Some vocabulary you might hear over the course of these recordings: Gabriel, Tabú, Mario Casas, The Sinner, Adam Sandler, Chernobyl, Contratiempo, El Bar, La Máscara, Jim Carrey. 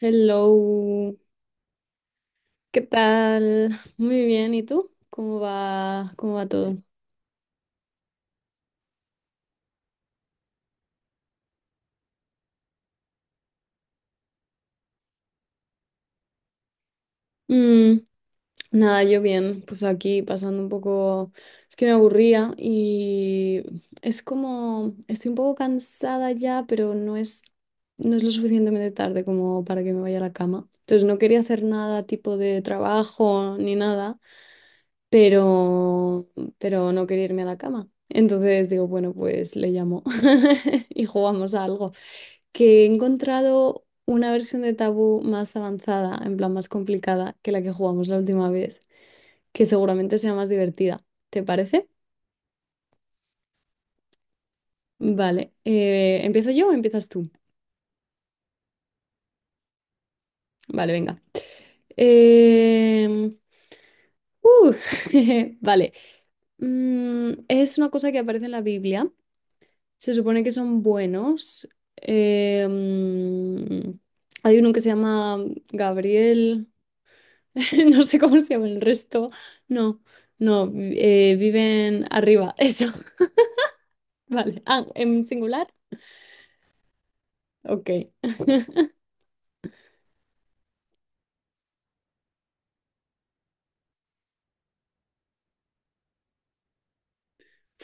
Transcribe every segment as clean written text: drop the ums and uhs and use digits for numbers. Hello, ¿qué tal? Muy bien, ¿y tú? Cómo va todo? Mm, nada, yo bien, pues aquí pasando un poco, es que me aburría y es como, estoy un poco cansada ya, pero no es lo suficientemente tarde como para que me vaya a la cama. Entonces no quería hacer nada tipo de trabajo ni nada, pero, pero no quería irme a la cama. Entonces digo, bueno, pues le llamo y jugamos a algo. Que he encontrado una versión de Tabú más avanzada, en plan más complicada que la que jugamos la última vez, que seguramente sea más divertida. ¿Te parece? Vale. ¿Empiezo yo o empiezas tú? Vale, venga. Em, uh, vale. Mm, es una cosa que aparece en la Biblia. Se supone que son buenos. Em, hay uno que se llama Gabriel. No sé cómo se llama el resto. No, no, viven arriba, eso. Vale. Ah, en singular. Ok.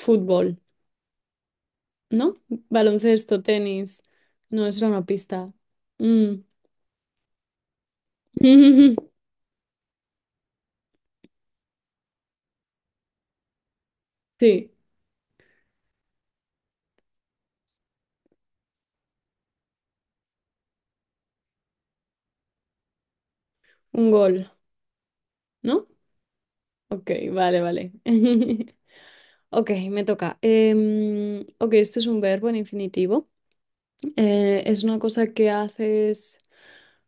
Fútbol, ¿no? Baloncesto, tenis. No, es una pista. Mm. Sí, un gol, ¿no? Ok, vale, vale. Ok, me toca. Ok, esto es un verbo en infinitivo. Es una cosa que haces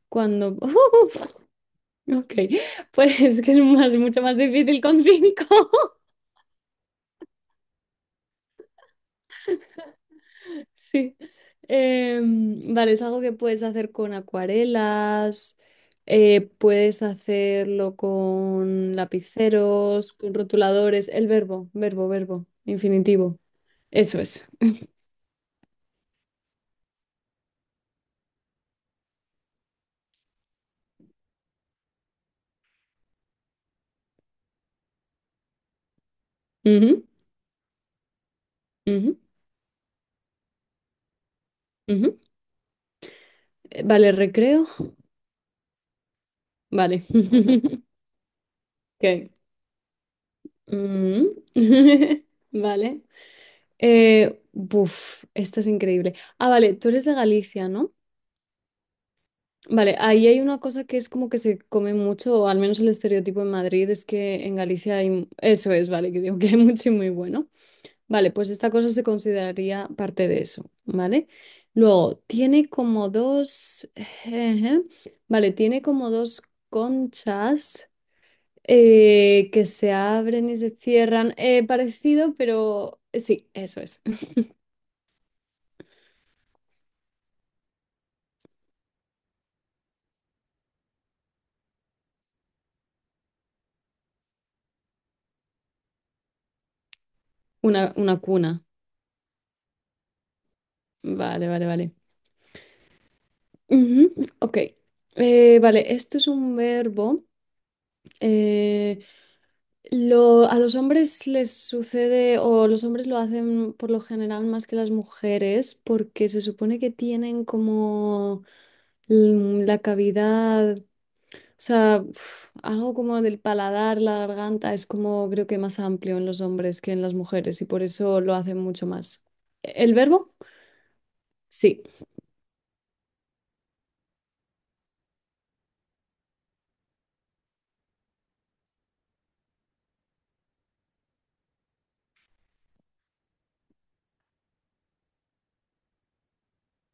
cuando... Ok, pues es que es más, mucho más difícil con cinco. Sí. Vale, es algo que puedes hacer con acuarelas, puedes hacerlo con lapiceros, con rotuladores, el verbo, verbo, verbo, infinitivo. Eso es. Ujú, ujú, ujú. Vale, recreo. Vale. Ok. Mm. Vale. Buf, esta es increíble. Ah, vale, tú eres de Galicia, ¿no? Vale, ahí hay una cosa que es como que se come mucho, o al menos el estereotipo en Madrid es que en Galicia hay... Eso es, vale, que digo que hay mucho y muy bueno. Vale, pues esta cosa se consideraría parte de eso, ¿vale? Luego, tiene como dos... ejé, vale, tiene como dos conchas que se abren y se cierran. Parecido, pero... Sí, eso es. Una cuna. Vale, vale, vale. Ujú, ok. Vale, esto es un verbo. Eh, a los hombres les sucede, o los hombres lo hacen por lo general más que las mujeres, porque se supone que tienen como la cavidad, o sea, algo como del paladar, la garganta, es como creo que más amplio en los hombres que en las mujeres, y por eso lo hacen mucho más. ¿El verbo? Sí.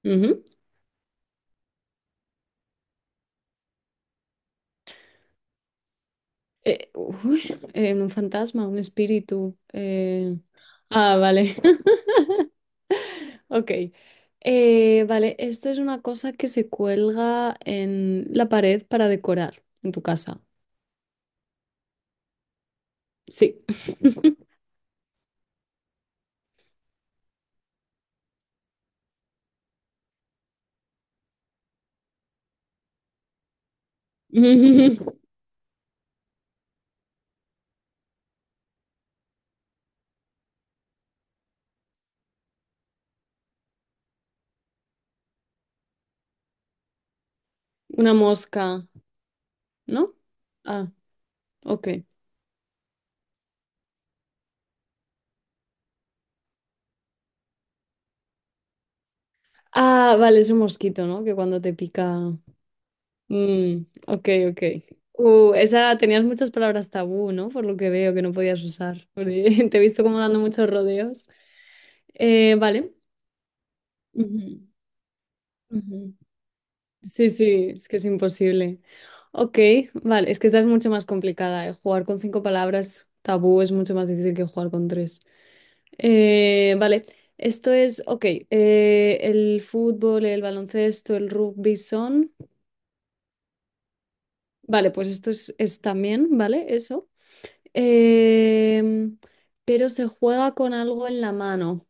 Ujú. Uy, un fantasma, un espíritu. Ah, vale. Ok. Vale, esto es una cosa que se cuelga en la pared para decorar en tu casa. Sí. Una mosca, ¿no? Ah, ok. Ah, vale, es un mosquito, ¿no? Que cuando te pica... Mm, ok, ok. Esa tenías muchas palabras tabú, ¿no? Por lo que veo que no podías usar, porque te he visto como dando muchos rodeos. Vale. Ujú, ujú. Sí, sí, es que es imposible. Ok, vale, es que esta es mucho más complicada. Jugar con cinco palabras tabú es mucho más difícil que jugar con tres. Vale, esto es, ok, el fútbol, el baloncesto, el rugby son... Vale, pues esto es también, ¿vale? Eso. Em, pero se juega con algo en la mano,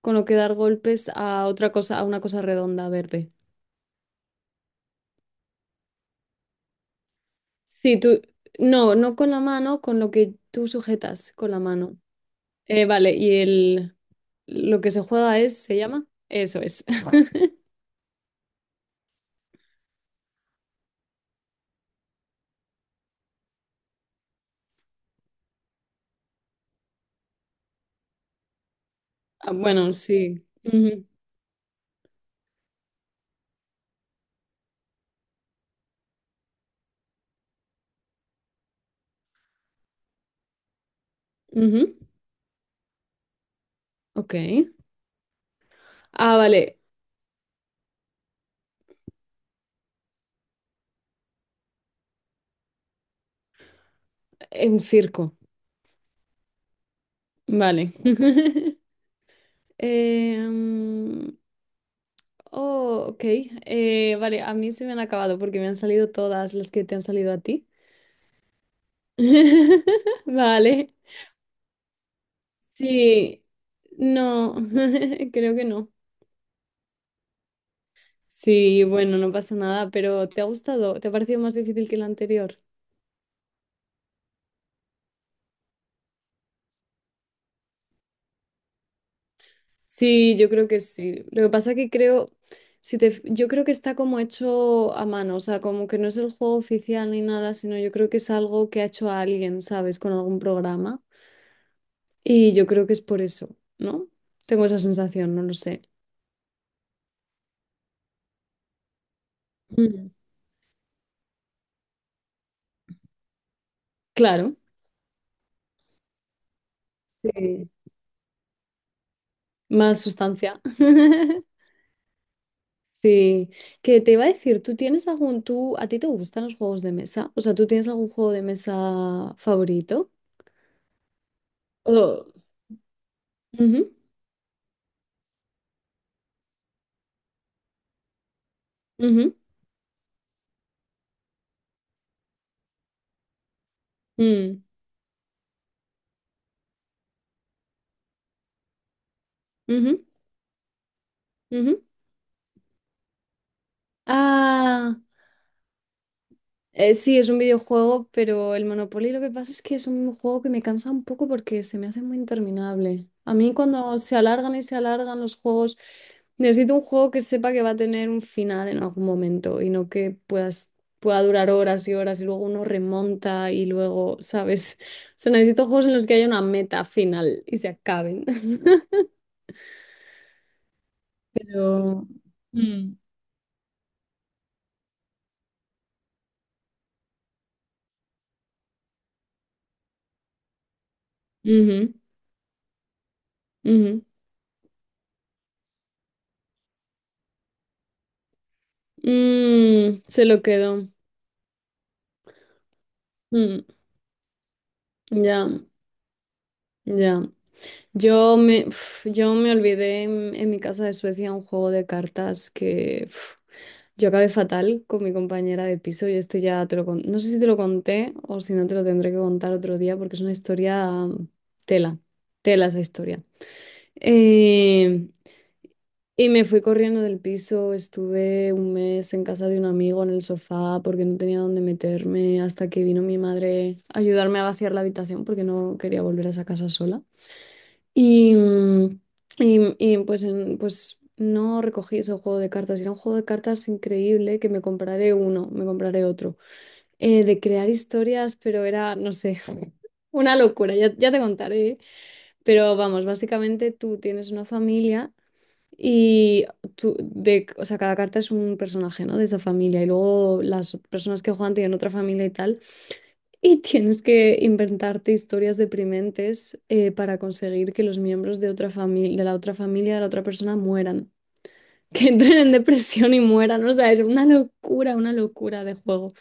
con lo que dar golpes a otra cosa, a una cosa redonda verde. Sí, tú, no, no con la mano, con lo que tú sujetas con la mano. Vale, lo que se juega es, ¿se llama? Eso es. Ah, bueno, sí. Ujú, ujú. Ok. Ah, vale, un circo. Vale. Eh, mm, oh, ok. Vale, a mí se me han acabado porque me han salido todas las que te han salido a ti. Vale. Sí. No, creo que no. Sí, bueno, no pasa nada, pero ¿te ha gustado? ¿Te ha parecido más difícil que el anterior? Sí, yo creo que sí. Lo que pasa que creo, si te, yo creo que está como hecho a mano, o sea, como que no es el juego oficial ni nada, sino yo creo que es algo que ha hecho a alguien, ¿sabes? Con algún programa. Y yo creo que es por eso, ¿no? Tengo esa sensación, no lo sé. Mm. Claro, sí. Más sustancia. Sí, que te iba a decir, ¿tú tienes algún, tú, a ti te gustan los juegos de mesa? O sea, ¿tú tienes algún juego de mesa favorito? O- Ujú, ujú, mm, ujú, ujú. Ah, sí, es un videojuego, pero el Monopoly lo que pasa es que es un juego que me cansa un poco porque se me hace muy interminable. A mí cuando se alargan y se alargan los juegos, necesito un juego que sepa que va a tener un final en algún momento y no que puedas, pueda durar horas y horas y luego uno remonta y luego, ¿sabes? O sea, necesito juegos en los que haya una meta final y se acaben. Pero... mm, Ujú, ujú. Mm, se lo quedó. Mm, ya, ya. Yo me olvidé en mi casa de Suecia un juego de cartas que yo acabé fatal con mi compañera de piso y esto ya te lo no sé si te lo conté o si no te lo tendré que contar otro día porque es una historia tela, tela esa historia. Eh, y me fui corriendo del piso, estuve un mes en casa de un amigo en el sofá porque no tenía dónde meterme hasta que vino mi madre a ayudarme a vaciar la habitación porque no quería volver a esa casa sola. Y, mm, pues no recogí ese juego de cartas. Era un juego de cartas increíble que me compraré uno, me compraré otro. De crear historias, pero era, no sé, una locura, ya, ya te contaré. Pero vamos, básicamente tú tienes una familia y tú, de, o sea, cada carta es un personaje, ¿no? De esa familia. Y luego las personas que juegan tienen otra familia y tal. Y tienes que inventarte historias deprimentes para conseguir que los miembros de otra familia, de la otra familia de la otra persona mueran. Que entren en depresión y mueran. O sea, es una locura de juego.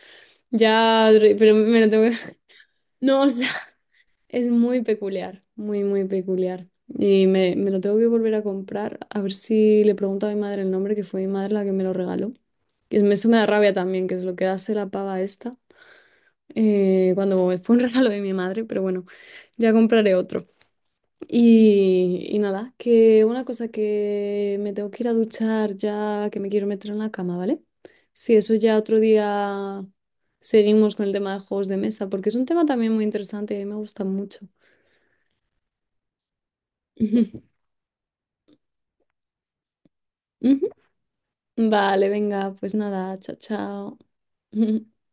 Ya, pero me lo tengo que... No, o sea, es muy peculiar, muy, muy peculiar. Y me lo tengo que volver a comprar. A ver si le pregunto a mi madre el nombre, que fue mi madre la que me lo regaló. Que eso me da rabia también, que es lo que hace la pava esta. Cuando fue un regalo de mi madre, pero bueno, ya compraré otro. Y nada, que una cosa que me tengo que ir a duchar ya, que me quiero meter en la cama, ¿vale? Sí, eso ya otro día seguimos con el tema de juegos de mesa, porque es un tema también muy interesante y a mí me gusta mucho. Ujú. Vale, venga, pues nada, chao, chao.